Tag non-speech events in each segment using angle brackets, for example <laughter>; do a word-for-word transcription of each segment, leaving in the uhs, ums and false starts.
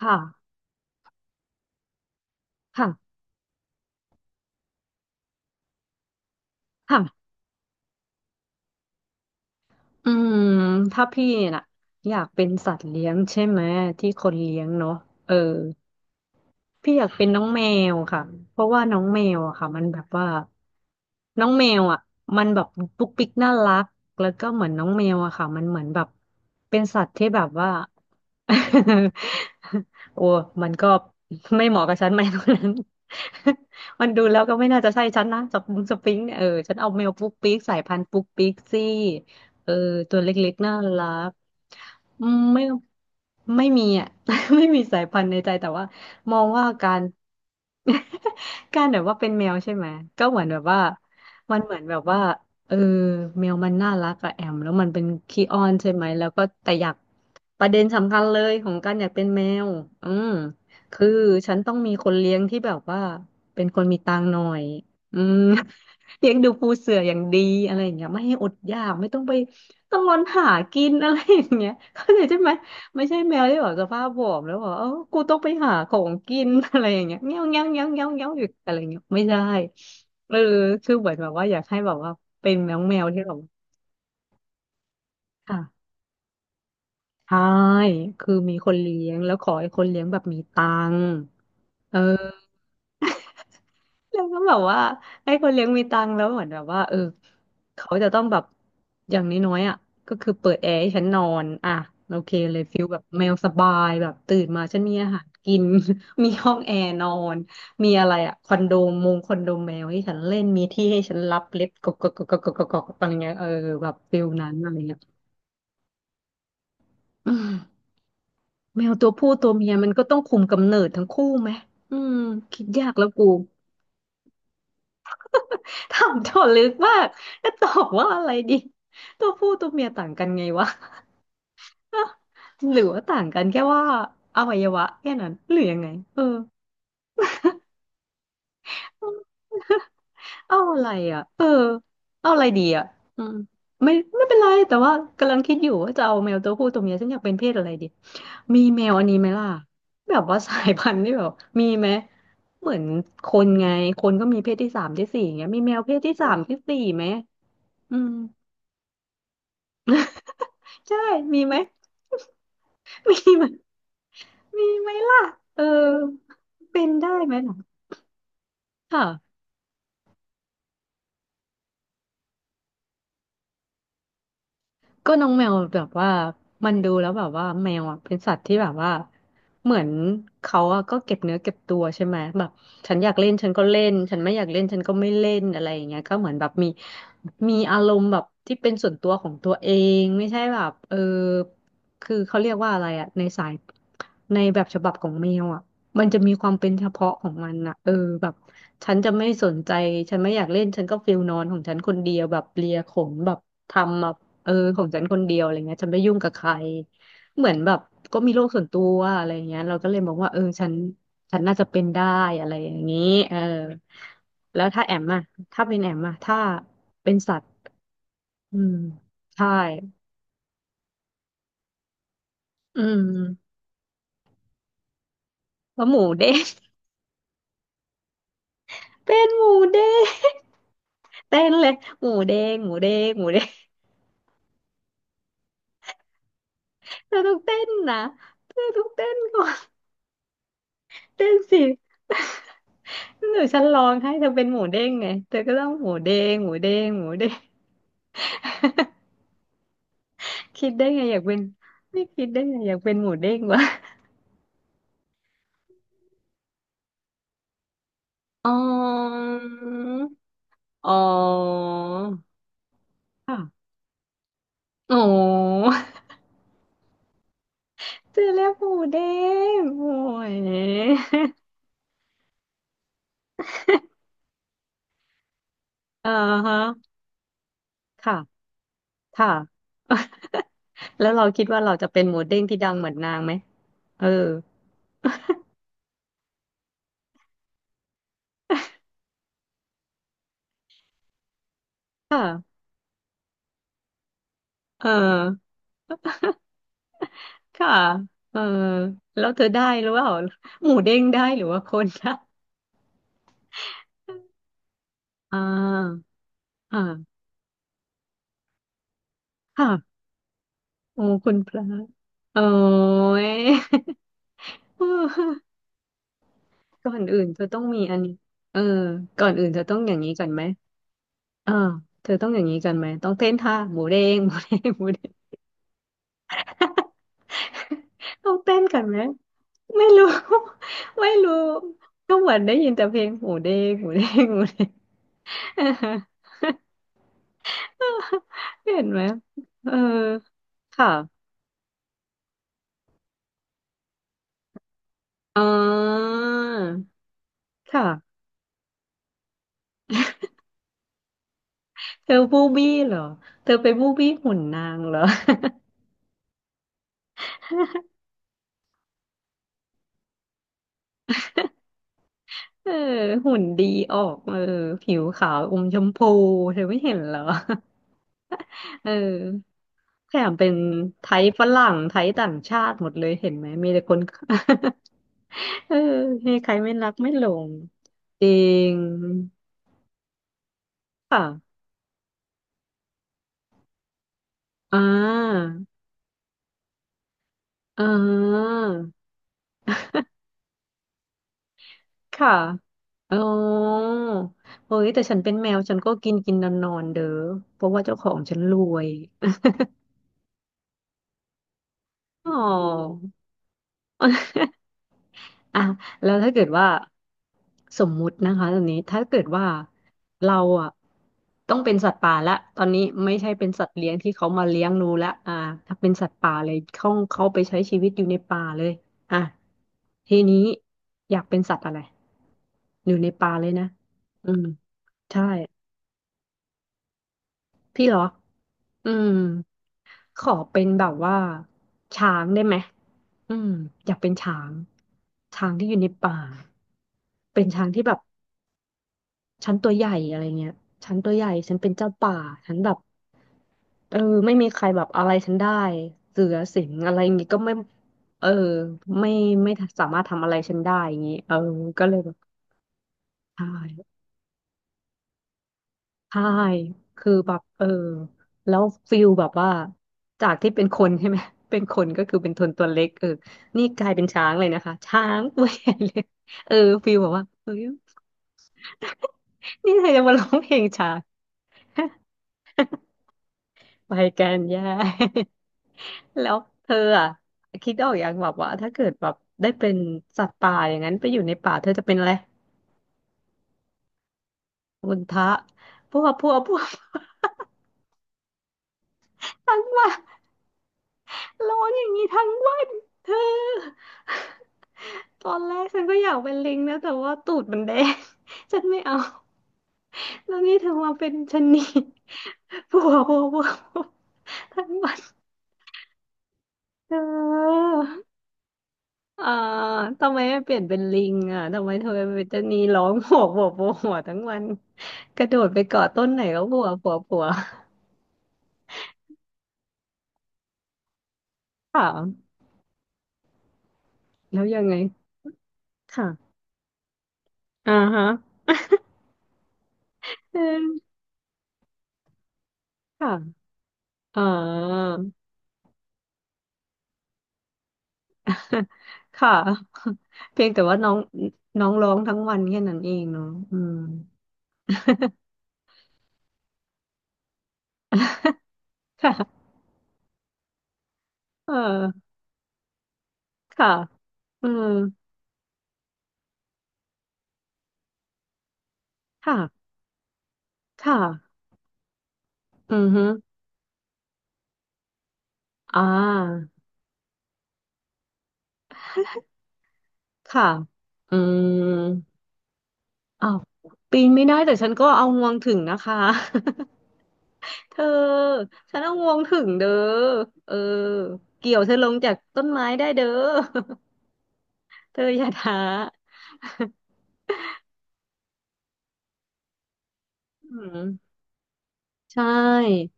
ค่ะค่ะค่ะอืมถ้าพี่น่ะอยากเป็นสัตว์เลี้ยงใช่ไหมที่คนเลี้ยงเนาะเออ พี่อยากเป็นน้องแมวค่ะ เพราะว่าน้องแมวอะค่ะมันแบบว่าน้องแมวอ่ะมันแบบปุ๊กปิ๊กน่ารัก แล้วก็เหมือนน้องแมวอะค่ะมันเหมือนแบบเป็นสัตว์ที่แบบว่า <laughs> โอ้มันก็ไม่เหมาะกับฉันไหมตรงนั้น <laughs> มันดูแล้วก็ไม่น่าจะใช่ฉันนะจับมุงสปริงเนี่ยเออฉันเอาแมวปุ๊กปิ๊กสายพันธุ์ปุ๊กปิ๊กซี่ เออตัวเล็กๆน่ารักอืมไม่ไม่มีอ่ะ <laughs> ไม่มีสายพันธุ์ในใจแต่ว่า มองว่าการ <laughs> การแบบว่าเป็นแมวใช่ไหมก็เหมือนแบบว่ามันเหมือนแบบว่าเออแมวมันน่ารักอะแอมแล้วมันเป็นขี้อ้อนใช่ไหมแล้วก็แต่อยากประเด็นสำคัญเลยของการอยากเป็นแมวอืมคือฉันต้องมีคนเลี้ยงที่แบบว่าเป็นคนมีตังค์หน่อยอืม <laughs> เลี้ยงดูปูเสืออย่างดีอะไรอย่างเงี้ยไม่ให้อดอยากไม่ต้องไปต้องร้อนหากินอะไรอย่างเงี้ยเข้าใจใช่ไหม ไม่ใช่แมวที่แบบสภาพผอมแล้วบอกเออกูต้องไปหาของกิน <laughs> อะไรอย่างเงี้ยเงี้ยวเงี้ยวเงี้ยวเงี้ยวเงี้ยวอยู่อะไรเงี้ยไม่ได้เออคือเหมือนแบบว่าอยากให้แบบว่าเป็นแมวแมวที่แบบค่ะใช่คือมีคนเลี้ยงแล้วขอให้คนเลี้ยงแบบมีตังค์เออ แล้วก็แบบว่าไอ้คนเลี้ยงมีตังค์แล้วเหมือนแบบว่าเออเขาจะต้องแบบอย่างน้อยๆอ่ะก็คือเปิดแอร์ให้ฉันนอนอ่ะโอเคเลยฟิลแบบแมวสบายแบบตื่นมาฉันมีอาหารกิน <laughs> มีห้องแอร์นอนมีอะไรอ่ะคอนโดมงคอนโดแมวให้ฉันเล่นมีที่ให้ฉันรับเล็บกกกกกกกกกอะไรเงี้ยเออแบบฟิลนั้นอะไรเงี้ย <clears throat> อืมแมวตัวผู้ตัวเมียมันก็ต้องคุมกำเนิดทั้งคู่ไหมอืมคิดยากแล้วกู ถามโจทย์ลึกมากจะตอบว่าอะไรดี ตัวผู้ตัวเมียต่างกันไงวะ หรือว่าต่างกันแค่ว่าอวัยวะแค่นั้นหรือยังไง เออ เอาอะไรอ่ะเออเอาอะไรดีอ่ะอืมไม่ไม่เป็นไรแต่ว่ากำลังคิดอยู่ว่าจะเอาแมวตัวผู้ตัวเมียฉันอยากเป็นเพศอะไรดี มีแมวอันนี้ไหมล่ะ แบบว่าสายพันธุ์ที่แบบมีไหมเหมือนคนไงคนก็มีเพศที่สามที่สี่อย่างเงี้ยมีแมวเพศที่สามที่สี่ไหมอืม ใช่มีไหมมีไหม มีไหมล่ะเออเป็นได้ไหมล่ะค่ะ ก็น้องแมวแบบว่ามันดูแล้วแบบว่าแมวอ่ะเป็นสัตว์ที่แบบว่าเหมือนเขาอ่ะก็เก็บเนื้อเก็บตัวใช่ไหมแบบฉันอยากเล่นฉันก็เล่นฉันไม่อยากเล่นฉันก็ไม่เล่นอะไรอย่างเงี้ยก็เหมือนแบบมีมีอารมณ์แบบที่เป็นส่วนตัวของตัวเองไม่ใช่แบบเออคือเขาเรียกว่าอะไรอ่ะในสายในแบบฉบับของแมวอ่ะมันจะมีความเป็นเฉพาะของมันอ่ะเออแบบฉันจะไม่สนใจฉันไม่อยากเล่นฉันก็ฟิลนอนของฉันคนเดียวแบบเลียขนแบบทำแบบ เออของฉันคนเดียวอะไรเงี้ยฉันไม่ยุ่งกับใครเหมือนแบบก็มีโลกส่วนตัวอะไรเงี้ยเราก็เลยมองว่าเออฉันฉันน่าจะเป็นได้อะไรอย่างนี้เออแล้วถ้าแอมอะถ้าเป็นแอมอะถ้าเป็นสัตว์อืมใช่อืมว่าหมูเด้ง <laughs> เป็นหมูเด้ง <laughs> เต้นเลยหมูเด้งหมูเด้งหมูเด้งเธอต้องเต้นนะเธอต้องเต้นก่อนเต้นสิ <laughs> หนูฉันร้องให้เธอเป็นหมูเด้งไงเธอก็ต้องหมูเด้งหมูเด้งหมูเด้ง คิดได้ไงอยากเป็นไม่คิดได้ไงอยากเป็นหมูเด้งวะอ๋ออ๋อค่ะอ๋อเจอแล้วกหมูเด้งโอ้ยอ่าฮะค่ะค่ะ <laughs> แล้วเราคิดว่าเราจะเป็นหมูเด้งที่ดังเหมือนนางไหมเออค่ะเออค่ะเออแล้วเธอได้หรือเปล่าหมูเด้งได้หรือว่าคนนะอ่าอ่าค่ะโอ้คุณพระโอ้ย <laughs> เออก่อนอื่นเธอต้องมีอันนี้เออก่อนอื่นเธอต้องอย่างนี้กันไหมอ่าเธอต้องอย่างนี้กันไหมต้องเต้นท่าหมูเด้งหมูเด้งหมูเด้ง <laughs> ต้องเต้นกันไหมไม่รู้ <laughs> ไม่รู้ก็เหมือนได้ยินแต่เพลงหมูเด้งหมูเด้งหมูเด้ง <laughs> อ่าฮะเห็นไหมเออค่ะอ๋อค่ะเธอบูบี้เหรอเธอไปบูบี้หุ่นนางเหรอ เออหุ่นดีออกเออผิวขาวอมชมพูเธอไม่เห็นเหรอ <laughs> เออแถมเป็นไทยฝรั่งไทยต่างชาติหมดเลยเห็นไหมมีแต่คน <laughs> เออให้ใครไม่รักไม่หลงจริงค่ะอ่าอ่าค่ะอ๋อเฮ้ยแต่ฉันเป็นแมวฉันก็กินกินนอนนอนเด้อเพราะว่าเจ้าของฉันรวยอ๋อ อ่ะแล้วถ้าเกิดว่าสมมุตินะคะตอนนี้ถ้าเกิดว่าเราอ่ะต้องเป็นสัตว์ป่าละตอนนี้ไม่ใช่เป็นสัตว์เลี้ยงที่เขามาเลี้ยงดูละอ่าถ้าเป็นสัตว์ป่าเลยเขาเขาไปใช้ชีวิตอยู่ในป่าเลยอ่ะทีนี้อยากเป็นสัตว์อะไรอยู่ในป่าเลยนะอืมใช่พี่เหรออืมขอเป็นแบบว่าช้างได้ไหมอืมอยากเป็นช้างช้างที่อยู่ในป่าเป็นช้างที่แบบ ฉันตัวใหญ่อะไรเงี้ยฉันตัวใหญ่ ฉันเป็นเจ้าป่า ฉันแบบเออไม่มีใครแบบอะไรฉันได้เสือสิงอะไรอย่างงี้ก็ไม่เออไม่ไม่สามารถทำอะไรฉันได้อย่างงี้เออก็เลยแบบใช่ใช่คือแบบเออแล้วฟิลแบบว่าจากที่เป็นคนใช่ไหม <laughs> เป็นคนก็คือเป็นคนตัวเล็กเออนี่กลายเป็นช้างเลยนะคะช้างตัวใหญ่เลยเออฟิลแบบว่าเฮ้ย <laughs> นี่เธอจะมาร้องเพลงช้าง ไปแกันแย่ <laughs> แล้วเธออ่ะคิดออกอย่างแบบว่าถ้าเกิดแบบได้เป็นสัตว์ป่าอย่างนั้นไปอยู่ในป่าเธอจะเป็นอะไรมุนทะพวกพวกพวก <laughs> ทั้งวันร้องอย่างนี้ทั้งวันเธอตอนแรกฉันก็อยากเป็นลิงนะแต่ว่าตูดมันแดง <laughs> ฉันไม่เอาแล้วนี่เธอมาเป็นชะนีพวกพวกพวกพวกทั้งวันเธอ อ่าทำไมไม่เปลี่ยนเป็นลิงอ่ะทำไมเธอเป็นจะนีร้องโหวโหวโหกหวทั้งวันกระโดดไปเกาะต้นไหนก็ผัวผัวผัว <laughs> ถามแล้วยังไงค่ะอ่าฮะเออค่ะอ่า <laughs> ค่ะ <laughs> เพียงแต่ว่าน้องน้องร้องทั้งวันแค่นั้นเองเนาะอืม <laughs> ค่ะเออค่ะอืมค่ะค่ะอือฮึอ่าค่ะอืม อ้าวปีนไม่ได้แต่ฉันก็เอางวงถึงนะคะ <laughs> เธอฉันเอางวงถึงเด้อเออเกี่ยวเธอลงจากต้นไม้ได้เด้อ <laughs> เธออย่าท้า <laughs> อืมใช่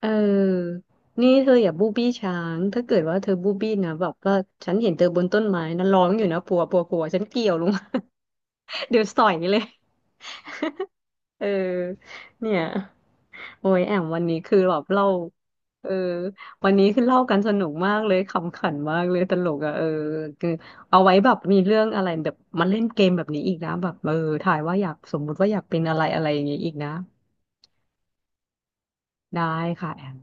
เออนี่เธออย่าบูบี้ช้างถ้าเกิดว่าเธอบูบี้นะแบบว่าฉันเห็นเธอบนต้นไม้นะร้องอยู่นะปัวปัวปัวฉันเกี่ยวลงมา <laughs> เดี๋ยวสอยเลย เออเนี่ยโอ้ยแอมวันนี้คือแบบเล่าเออวันนี้คือเล่ากันสนุกมากเลยขำขันมากเลยตลกอ่ะเออคือเอาไว้แบบมีเรื่องอะไรแบบมาเล่นเกมแบบนี้อีกนะแบบเออถ่ายว่าอยากสมมุติว่าอยากเป็นอะไรอะไรอย่างงี้อีกนะได้ค่ะแอม